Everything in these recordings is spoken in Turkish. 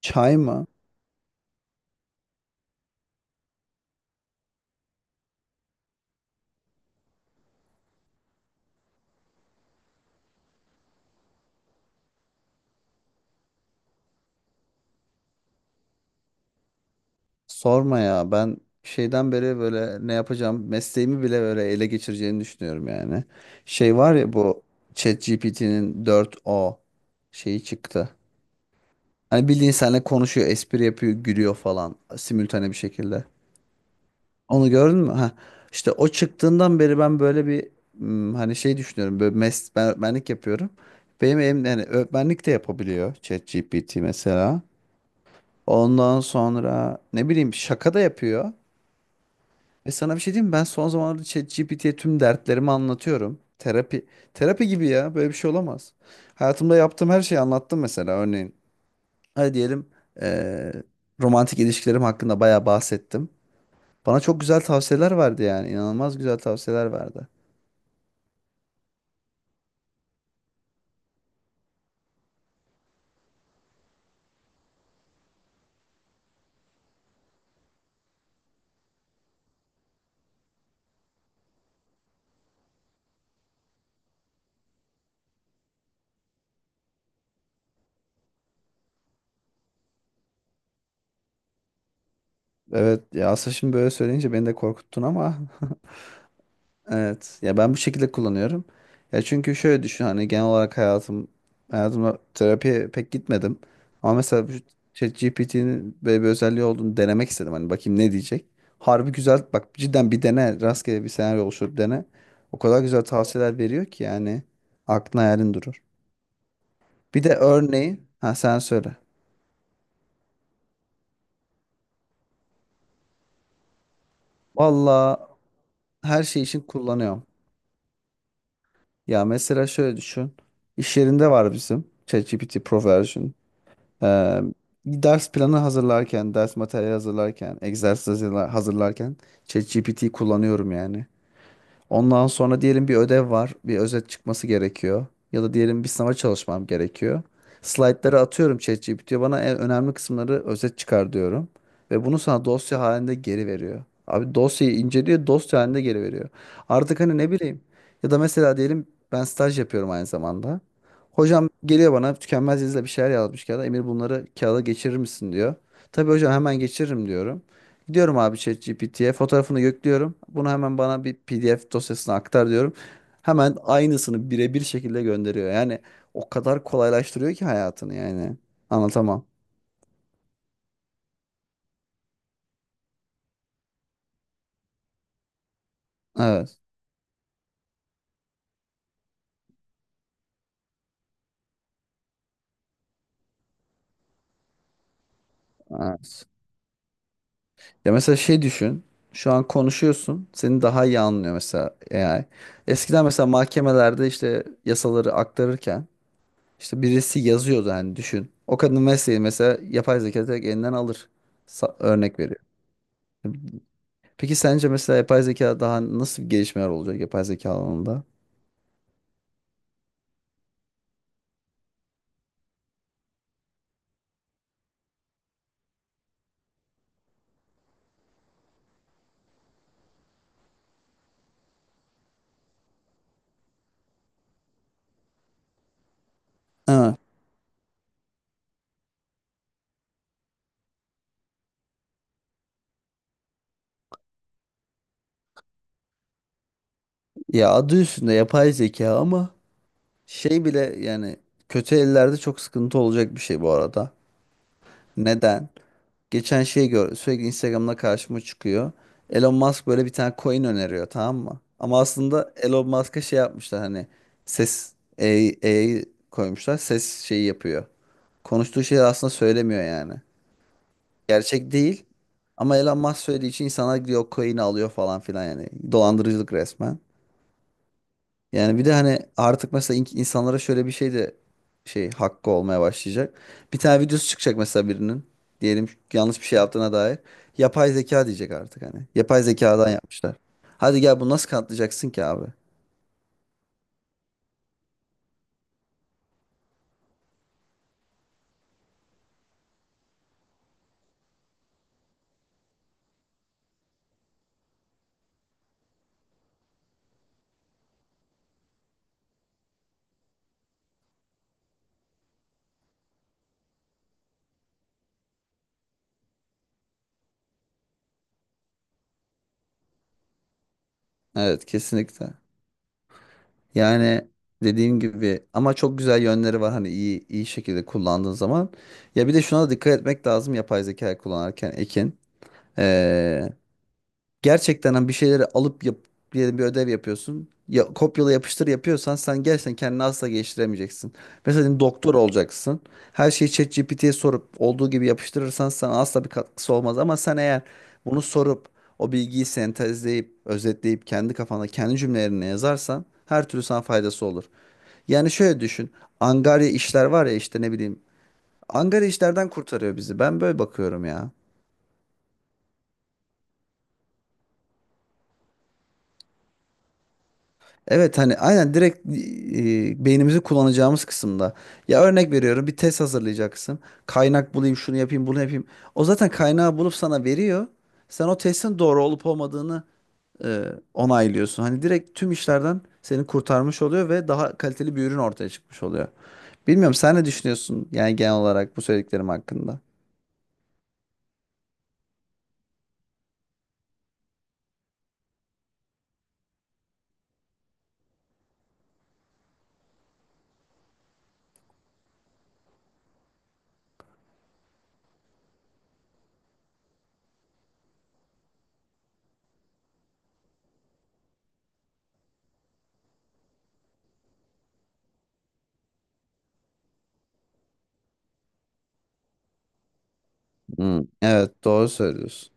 Çay mı? Sorma ya. Ben şeyden beri böyle ne yapacağım mesleğimi bile böyle ele geçireceğini düşünüyorum yani. Şey var ya bu ChatGPT'nin 4O şeyi çıktı. Hani bildiğin seninle konuşuyor, espri yapıyor, gülüyor falan simültane bir şekilde. Onu gördün mü? Ha. İşte o çıktığından beri ben böyle bir hani şey düşünüyorum. Böyle ben öğretmenlik yapıyorum. Benim elim yani öğretmenlik de yapabiliyor ChatGPT mesela. Ondan sonra ne bileyim şaka da yapıyor. Ve sana bir şey diyeyim mi? Ben son zamanlarda ChatGPT'ye tüm dertlerimi anlatıyorum. Terapi gibi ya. Böyle bir şey olamaz. Hayatımda yaptığım her şeyi anlattım mesela. Örneğin hadi diyelim eee, romantik ilişkilerim hakkında bayağı bahsettim. Bana çok güzel tavsiyeler verdi yani. İnanılmaz güzel tavsiyeler verdi. Evet ya aslında şimdi böyle söyleyince beni de korkuttun ama. Evet. Ya ben bu şekilde kullanıyorum. Ya çünkü şöyle düşün hani genel olarak hayatımda terapiye pek gitmedim. Ama mesela bu ChatGPT'nin böyle bir özelliği olduğunu denemek istedim. Hani bakayım ne diyecek. Harbi güzel bak cidden bir dene rastgele bir senaryo oluşturup dene. O kadar güzel tavsiyeler veriyor ki yani aklın hayalin durur. Bir de örneği ha sen söyle. Valla her şey için kullanıyorum. Ya mesela şöyle düşün. İş yerinde var bizim ChatGPT Pro version. Ee, Ders planı hazırlarken, ders materyali hazırlarken, egzersiz hazırlarken ChatGPT kullanıyorum yani. Ondan sonra diyelim bir ödev var. Bir özet çıkması gerekiyor. Ya da diyelim bir sınava çalışmam gerekiyor. Slaytları atıyorum ChatGPT'ye. Bana en önemli kısımları özet çıkar diyorum. Ve bunu sana dosya halinde geri veriyor. Abi dosyayı inceliyor, dosya halinde geri veriyor. Artık hani ne bileyim. Ya da mesela diyelim ben staj yapıyorum aynı zamanda. Hocam geliyor bana tükenmez yazıyla bir şeyler yazmış kağıda. Emir bunları kağıda geçirir misin diyor. Tabii hocam hemen geçiririm diyorum. Gidiyorum abi ChatGPT'ye fotoğrafını yüklüyorum. Bunu hemen bana bir PDF dosyasına aktar diyorum. Hemen aynısını birebir şekilde gönderiyor. Yani o kadar kolaylaştırıyor ki hayatını yani. Anlatamam. Evet. Evet. Ya mesela şey düşün. Şu an konuşuyorsun. Seni daha iyi anlıyor mesela AI. Eskiden mesela mahkemelerde işte yasaları aktarırken işte birisi yazıyordu hani düşün. O kadının mesleği mesela yapay zeka direkt elinden alır. Örnek veriyor. Peki sence mesela yapay zeka daha nasıl gelişmeler olacak yapay zeka alanında? Ha, ya adı üstünde yapay zeka ama şey bile yani kötü ellerde çok sıkıntı olacak bir şey bu arada. Neden? Geçen şey gör sürekli Instagram'da karşıma çıkıyor. Elon Musk böyle bir tane coin öneriyor tamam mı? Ama aslında Elon Musk'a şey yapmışlar hani ses AI, koymuşlar ses şeyi yapıyor. Konuştuğu şeyi aslında söylemiyor yani. Gerçek değil. Ama Elon Musk söylediği için insanlar gidiyor coin'i alıyor falan filan yani. Dolandırıcılık resmen. Yani bir de hani artık mesela insanlara şöyle bir şey de şey hakkı olmaya başlayacak. Bir tane videosu çıkacak mesela birinin. Diyelim yanlış bir şey yaptığına dair. Yapay zeka diyecek artık hani. Yapay zekadan yapmışlar. Hadi gel bunu nasıl kanıtlayacaksın ki abi? Evet kesinlikle. Yani dediğim gibi ama çok güzel yönleri var hani iyi iyi şekilde kullandığın zaman. Ya bir de şuna da dikkat etmek lazım yapay zeka kullanırken Ekin. Ee, Gerçekten hani bir şeyleri alıp diyelim bir ödev yapıyorsun. Ya, kopyala yapıştır yapıyorsan sen gerçekten kendini asla geliştiremeyeceksin. Mesela diyelim doktor olacaksın. Her şeyi ChatGPT'ye sorup olduğu gibi yapıştırırsan sana asla bir katkısı olmaz. Ama sen eğer bunu sorup o bilgiyi sentezleyip, özetleyip kendi kafanda kendi cümlelerine yazarsan her türlü sana faydası olur. Yani şöyle düşün. Angarya işler var ya işte ne bileyim. Angarya işlerden kurtarıyor bizi. Ben böyle bakıyorum ya. Evet hani aynen direkt beynimizi kullanacağımız kısımda. Ya örnek veriyorum bir test hazırlayacaksın. Kaynak bulayım şunu yapayım bunu yapayım. O zaten kaynağı bulup sana veriyor. Sen o testin doğru olup olmadığını e, onaylıyorsun. Hani direkt tüm işlerden seni kurtarmış oluyor ve daha kaliteli bir ürün ortaya çıkmış oluyor. Bilmiyorum sen ne düşünüyorsun yani genel olarak bu söylediklerim hakkında? Hmm. Evet doğru söylüyorsun.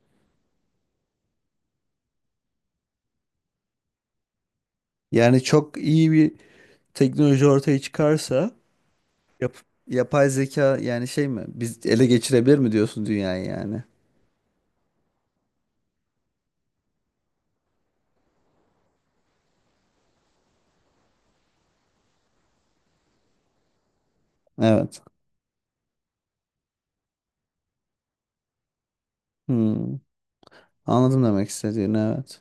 Yani çok iyi bir teknoloji ortaya çıkarsa yap- yapay zeka yani şey mi? Biz ele geçirebilir mi diyorsun dünyayı yani? Evet. Hmm. Anladım demek istediğini evet.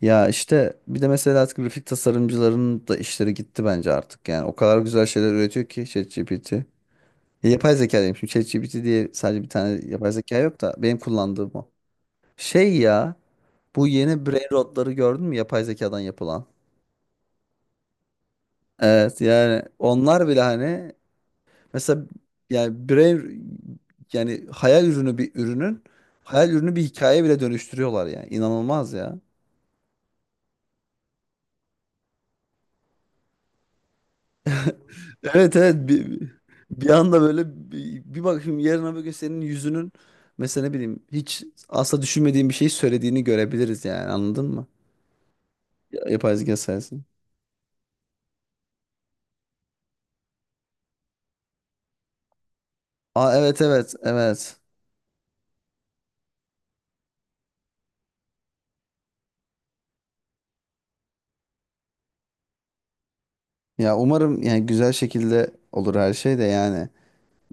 Ya işte bir de mesela artık grafik tasarımcıların da işleri gitti bence artık yani. O kadar güzel şeyler üretiyor ki ChatGPT. Ya yapay zeka diyeyim şimdi ChatGPT diye sadece bir tane yapay zeka yok da benim kullandığım o. Şey ya bu yeni brain rotları gördün mü yapay zekadan yapılan? Evet yani onlar bile hani. Mesela yani birey yani hayal ürünü bir ürünün hayal ürünü bir hikaye bile dönüştürüyorlar yani. İnanılmaz ya. Evet evet bir anda böyle bir bakayım yarın öbür gün senin yüzünün mesela ne bileyim hiç asla düşünmediğin bir şey söylediğini görebiliriz yani anladın mı? Yapay zeka sayesinde. Aa evet evet evet. Ya umarım yani güzel şekilde olur her şey de yani.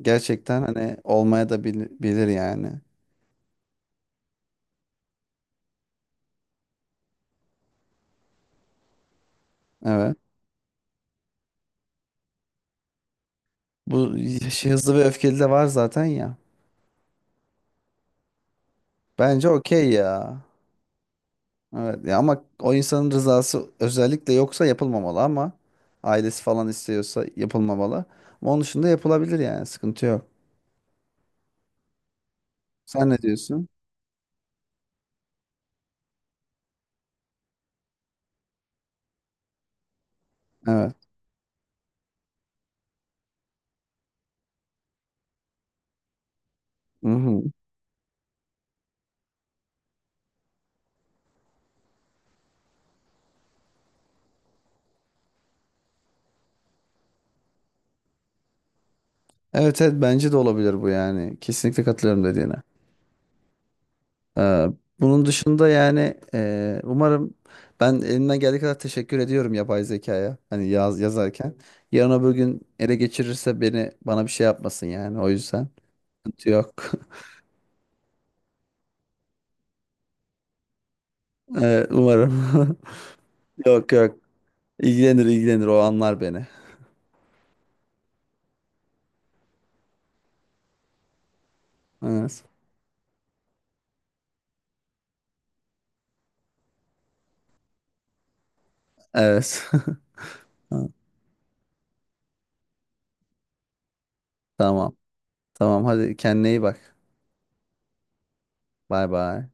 Gerçekten hani olmaya da bilir yani. Evet. Bu şey, hızlı ve öfkeli de var zaten ya. Bence okey ya. Evet ya ama o insanın rızası özellikle yoksa yapılmamalı ama ailesi falan istiyorsa yapılmamalı. Ama onun dışında yapılabilir yani sıkıntı yok. Sen ne diyorsun? Evet. Mhm. Evet evet bence de olabilir bu yani. Kesinlikle katılıyorum dediğine. Ee, Bunun dışında yani umarım ben elimden geldiği kadar teşekkür ediyorum yapay zekaya. Hani yazarken. Yarın öbür gün ele geçirirse beni bana bir şey yapmasın yani o yüzden. Sıkıntı yok. Umarım. Yok yok. İlgilenir ilgilenir o anlar beni. Evet. Evet. Tamam. Tamam hadi kendine iyi bak. Bay bay.